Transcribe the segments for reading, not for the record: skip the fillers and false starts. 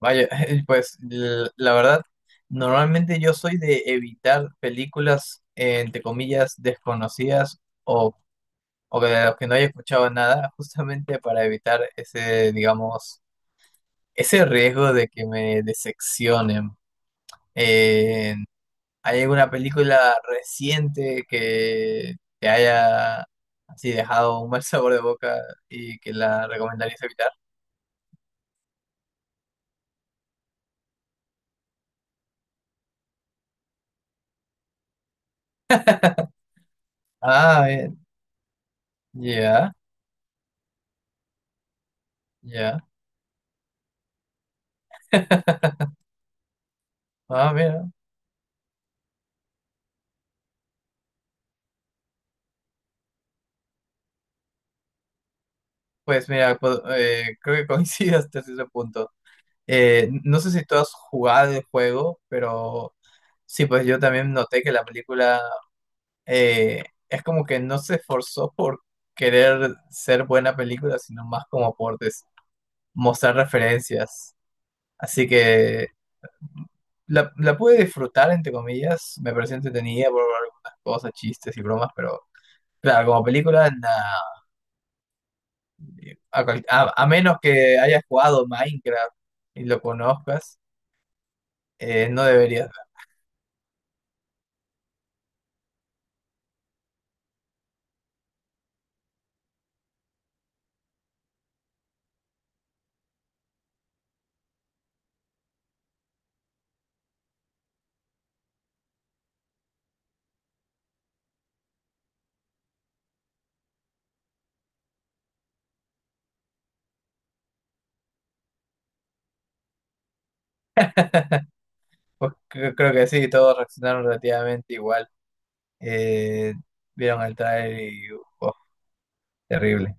Vaya, pues la verdad, normalmente yo soy de evitar películas, entre comillas, desconocidas o de las que no haya escuchado nada, justamente para evitar ese, digamos, ese riesgo de que me decepcionen. Eh, ¿Hay alguna película reciente que te haya así dejado un mal sabor de boca y que la recomendarías evitar? Ah, bien, ya, ya. Ah, mira. Pues mira, creo que coincido hasta ese punto. No sé si tú has jugado el juego, pero sí, pues yo también noté que la película es como que no se esforzó por querer ser buena película, sino más como por mostrar referencias. Así que la pude disfrutar, entre comillas, me pareció entretenida por algunas cosas, chistes y bromas, pero claro, como película, nada. A menos que hayas jugado Minecraft y lo conozcas, no deberías. Pues creo que sí, todos reaccionaron relativamente igual. Eh, vieron el trailer y oh, terrible.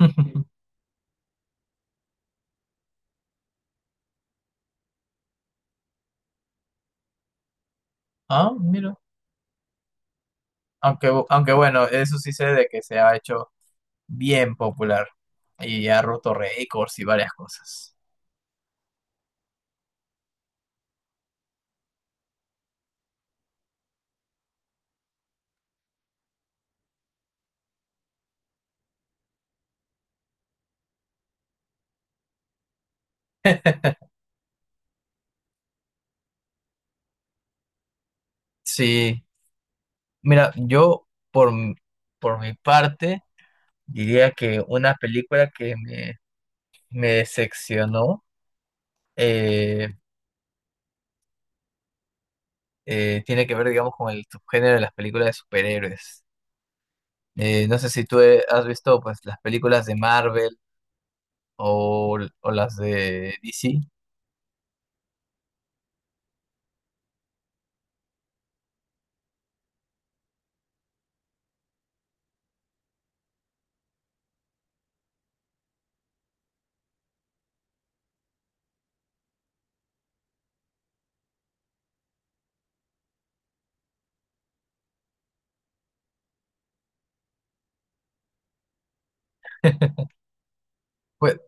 Ah, mira. Aunque bueno, eso sí sé de que se ha hecho bien popular y ha roto récords y varias cosas. Sí, mira, yo por, m- por mi parte diría que una película que me decepcionó eh, tiene que ver, digamos, con el subgénero de las películas de superhéroes. No sé si tú has visto pues las películas de Marvel o las de DC. Pues,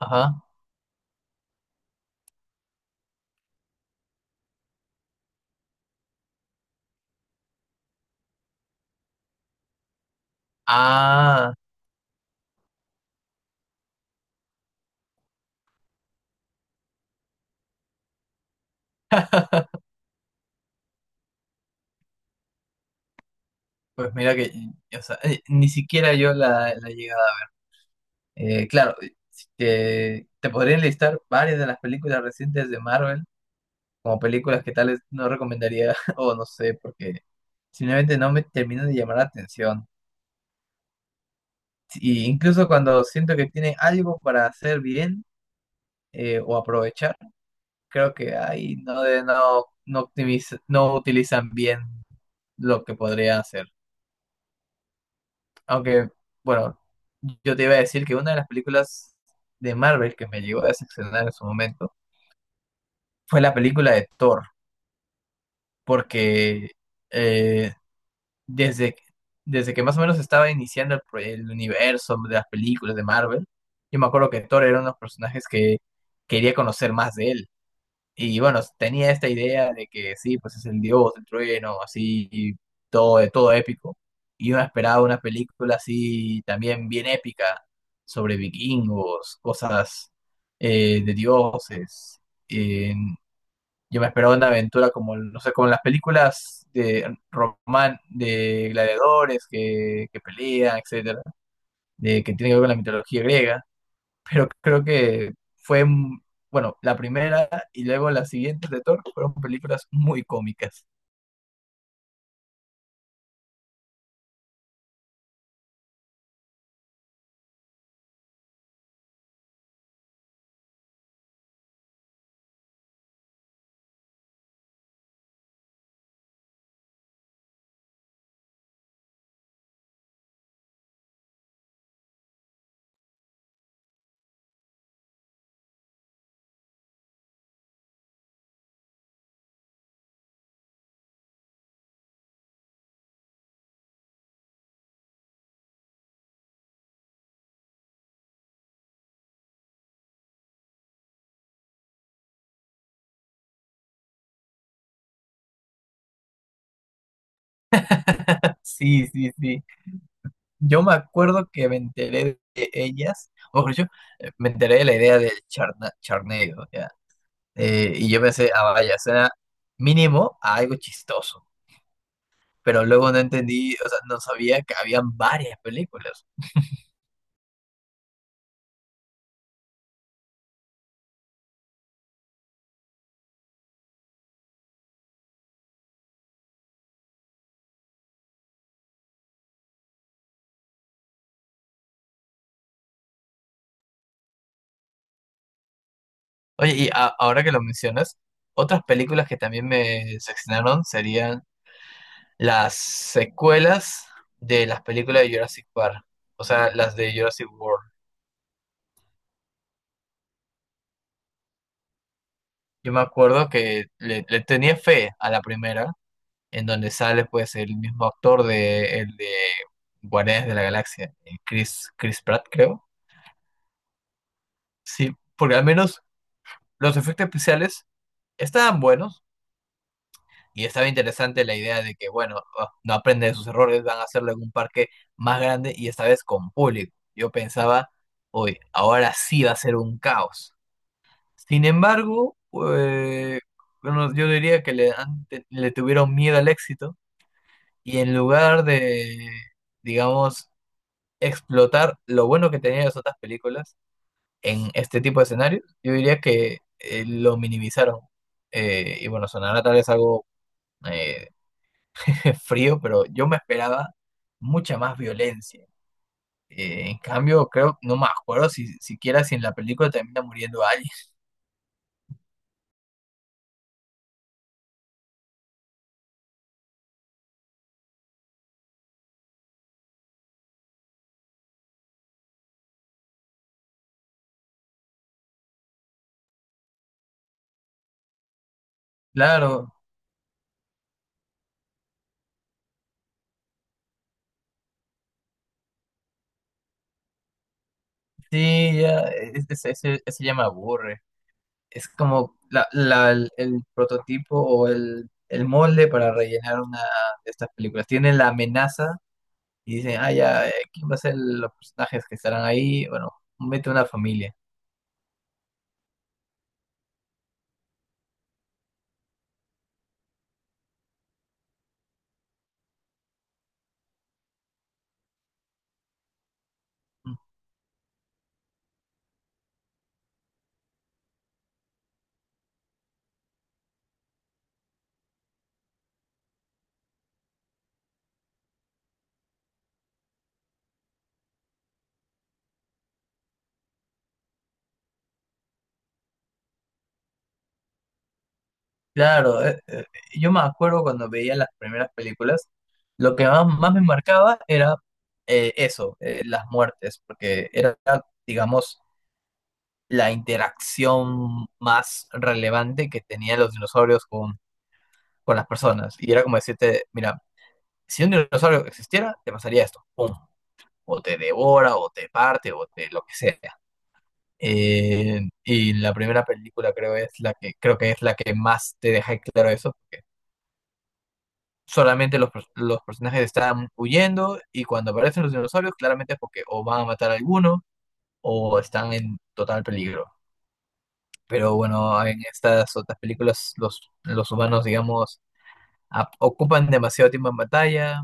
ajá. Ah, pues mira que, o sea, ni siquiera yo la, la he llegado a- claro, si te podría enlistar varias de las películas recientes de Marvel como películas que tal vez no recomendaría o no sé, porque simplemente no me terminan de llamar la atención. Y incluso cuando siento que tiene algo para hacer bien o aprovechar, creo que ahí no utilizan bien lo que podría hacer. Aunque, bueno, yo te iba a decir que una de las películas de Marvel que me llegó a decepcionar en su momento fue la película de Thor, porque eh, desde, desde que más o menos estaba iniciando el universo de las películas de Marvel, yo me acuerdo que Thor era uno de los personajes que quería conocer más de él. Y bueno, tenía esta idea de que sí, pues es el dios, el trueno, así, y todo épico. Y uno esperaba una película así también bien épica, sobre vikingos, cosas de dioses. Eh, yo me esperaba una aventura como, no sé, como las películas de de gladiadores que pelean, etcétera, que tiene que ver con la mitología griega, pero creo que fue, bueno, la primera y luego las siguientes de Thor fueron películas muy cómicas. Sí, sí, sí. Yo me acuerdo que me enteré de ellas, o mejor dicho, me enteré de la idea del charneo, ya. Y yo pensé, ah, vaya, suena mínimo a algo chistoso. Pero luego no entendí, o sea, no sabía que habían varias películas. Oye, y ahora que lo mencionas, otras películas que también me seccionaron serían las secuelas de las películas de Jurassic Park, o sea, las de Jurassic World. Yo me acuerdo que le tenía fe a la primera, en donde sale pues el mismo actor de el de Guardianes de la Galaxia, Chris Pratt, creo. Sí, porque al menos los efectos especiales estaban buenos y estaba interesante la idea de que, bueno, oh, no aprende de sus errores, van a hacerlo en un parque más grande y esta vez con público. Yo pensaba, hoy, ahora sí va a ser un caos. Sin embargo, eh, bueno, yo diría que le tuvieron miedo al éxito y en lugar de, digamos, explotar lo bueno que tenían las otras películas en este tipo de escenarios, yo diría que lo minimizaron. Y bueno, sonará tal vez algo eh, frío, pero yo me esperaba mucha más violencia. En cambio, creo, no me acuerdo si siquiera si en la película termina muriendo alguien. Claro, sí, ya, ese ya me aburre. Es como el prototipo o el molde para rellenar una de estas películas. Tienen la amenaza y dicen, ah, ya, ¿quién va a ser los personajes que estarán ahí? Bueno, mete una familia. Mm. Claro, yo me acuerdo cuando veía las primeras películas, lo que más me marcaba era las muertes, porque era, digamos, la interacción más relevante que tenían los dinosaurios con las personas. Y era como decirte, mira, si un dinosaurio existiera, te pasaría esto. Pum. O te devora, o te parte, o te lo que sea. Y la primera película creo es la que creo que es la que más te deja claro eso, porque solamente los personajes están huyendo y cuando aparecen los dinosaurios, claramente es porque o van a matar a alguno o están en total peligro. Pero bueno, en estas otras películas los humanos, digamos, ocupan demasiado tiempo en batalla,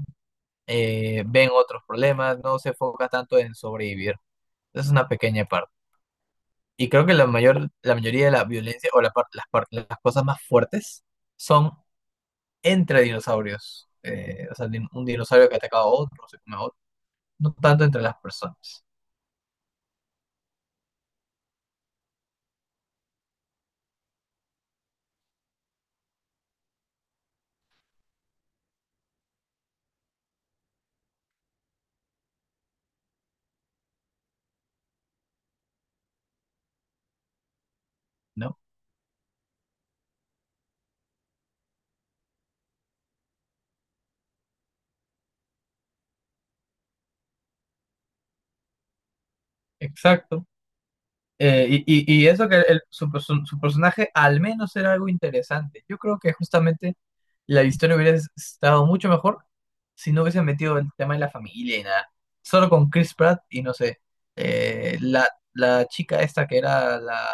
ven otros problemas, no se enfoca tanto en sobrevivir. Es una pequeña parte. Y creo que la mayoría de la violencia o la par- las cosas más fuertes son entre dinosaurios. O sea, un dinosaurio que ataca a otro, se come a otro, no tanto entre las personas, ¿no? Exacto. Y eso que su personaje al menos era algo interesante. Yo creo que justamente la historia hubiera estado mucho mejor si no hubiesen metido el tema de la familia y nada. Solo con Chris Pratt y no sé, eh, la, la chica esta que era la,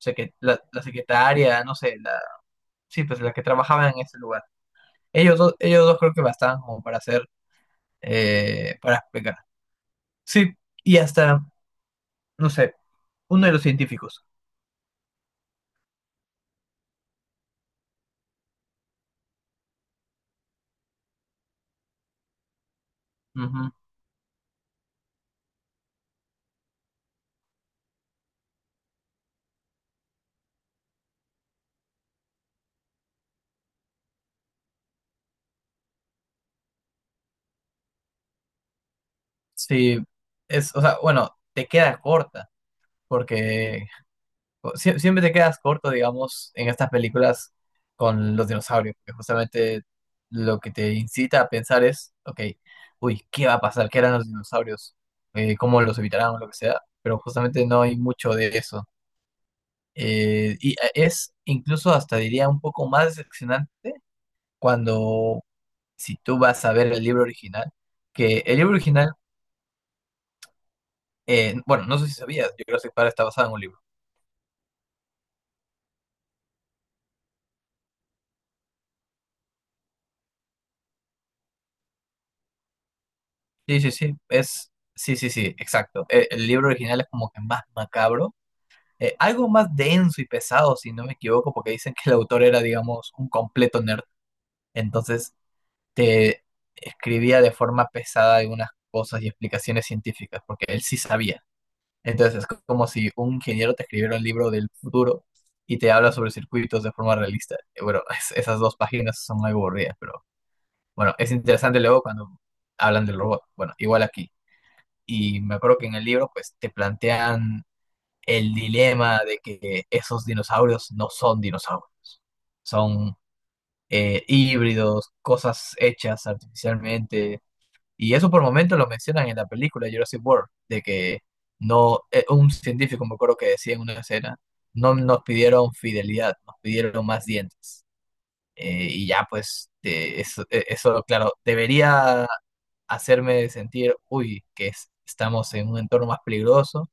secre- la, la secretaria, no sé, la, sí, pues la que trabajaba en ese lugar. Ellos dos creo que bastaban como para hacer, para explicar. Sí, y hasta, no sé, uno de los científicos. Ujú. Sí, es, o sea, bueno, te queda corta, porque siempre te quedas corto, digamos, en estas películas con los dinosaurios, que justamente lo que te incita a pensar es, ok, uy, ¿qué va a pasar? ¿Qué eran los dinosaurios? ¿Cómo los evitarán o lo que sea? Pero justamente no hay mucho de eso. Eh, y eh, es incluso hasta diría un poco más decepcionante cuando, si tú vas a ver el libro original, que el libro original, bueno, no sé si sabías, Jurassic Park está basado en un libro. Sí, sí, sí, sí, sí, sí, exacto. Libro original es como que más macabro, algo más denso y pesado, si no me equivoco, porque dicen que el autor era, digamos, un completo nerd. Entonces, te escribía de forma pesada algunas cosas y explicaciones científicas, porque él sí sabía. Entonces, como si un ingeniero te escribiera un libro del futuro y te habla sobre circuitos de forma realista. Bueno, esas dos páginas son algo aburridas, pero bueno, es interesante luego cuando hablan del robot. Bueno, igual aquí y me acuerdo que en el libro pues te plantean el dilema de que esos dinosaurios no son dinosaurios, son híbridos, cosas hechas artificialmente, y eso por momento lo mencionan en la película Jurassic World, de que no, un científico me acuerdo que decía en una escena, no nos pidieron fidelidad, nos pidieron más dientes. Y ya pues, eso, claro, debería hacerme sentir, uy, que estamos en un entorno más peligroso.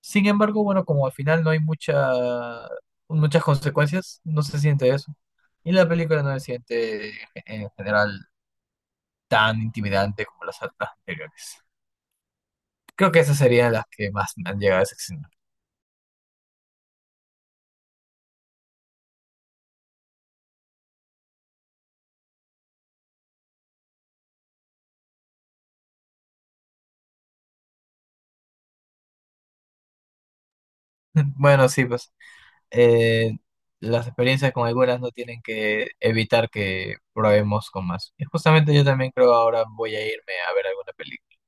Sin embargo, bueno, como al final no hay muchas consecuencias, no se siente eso. Y la película no se siente en general tan intimidante como las otras anteriores. Creo que esas serían las que más me han llegado a decepcionar. Bueno, sí, pues eh, las experiencias con algunas no tienen que evitar que probemos con más. Y justamente yo también creo ahora voy a irme a ver alguna película.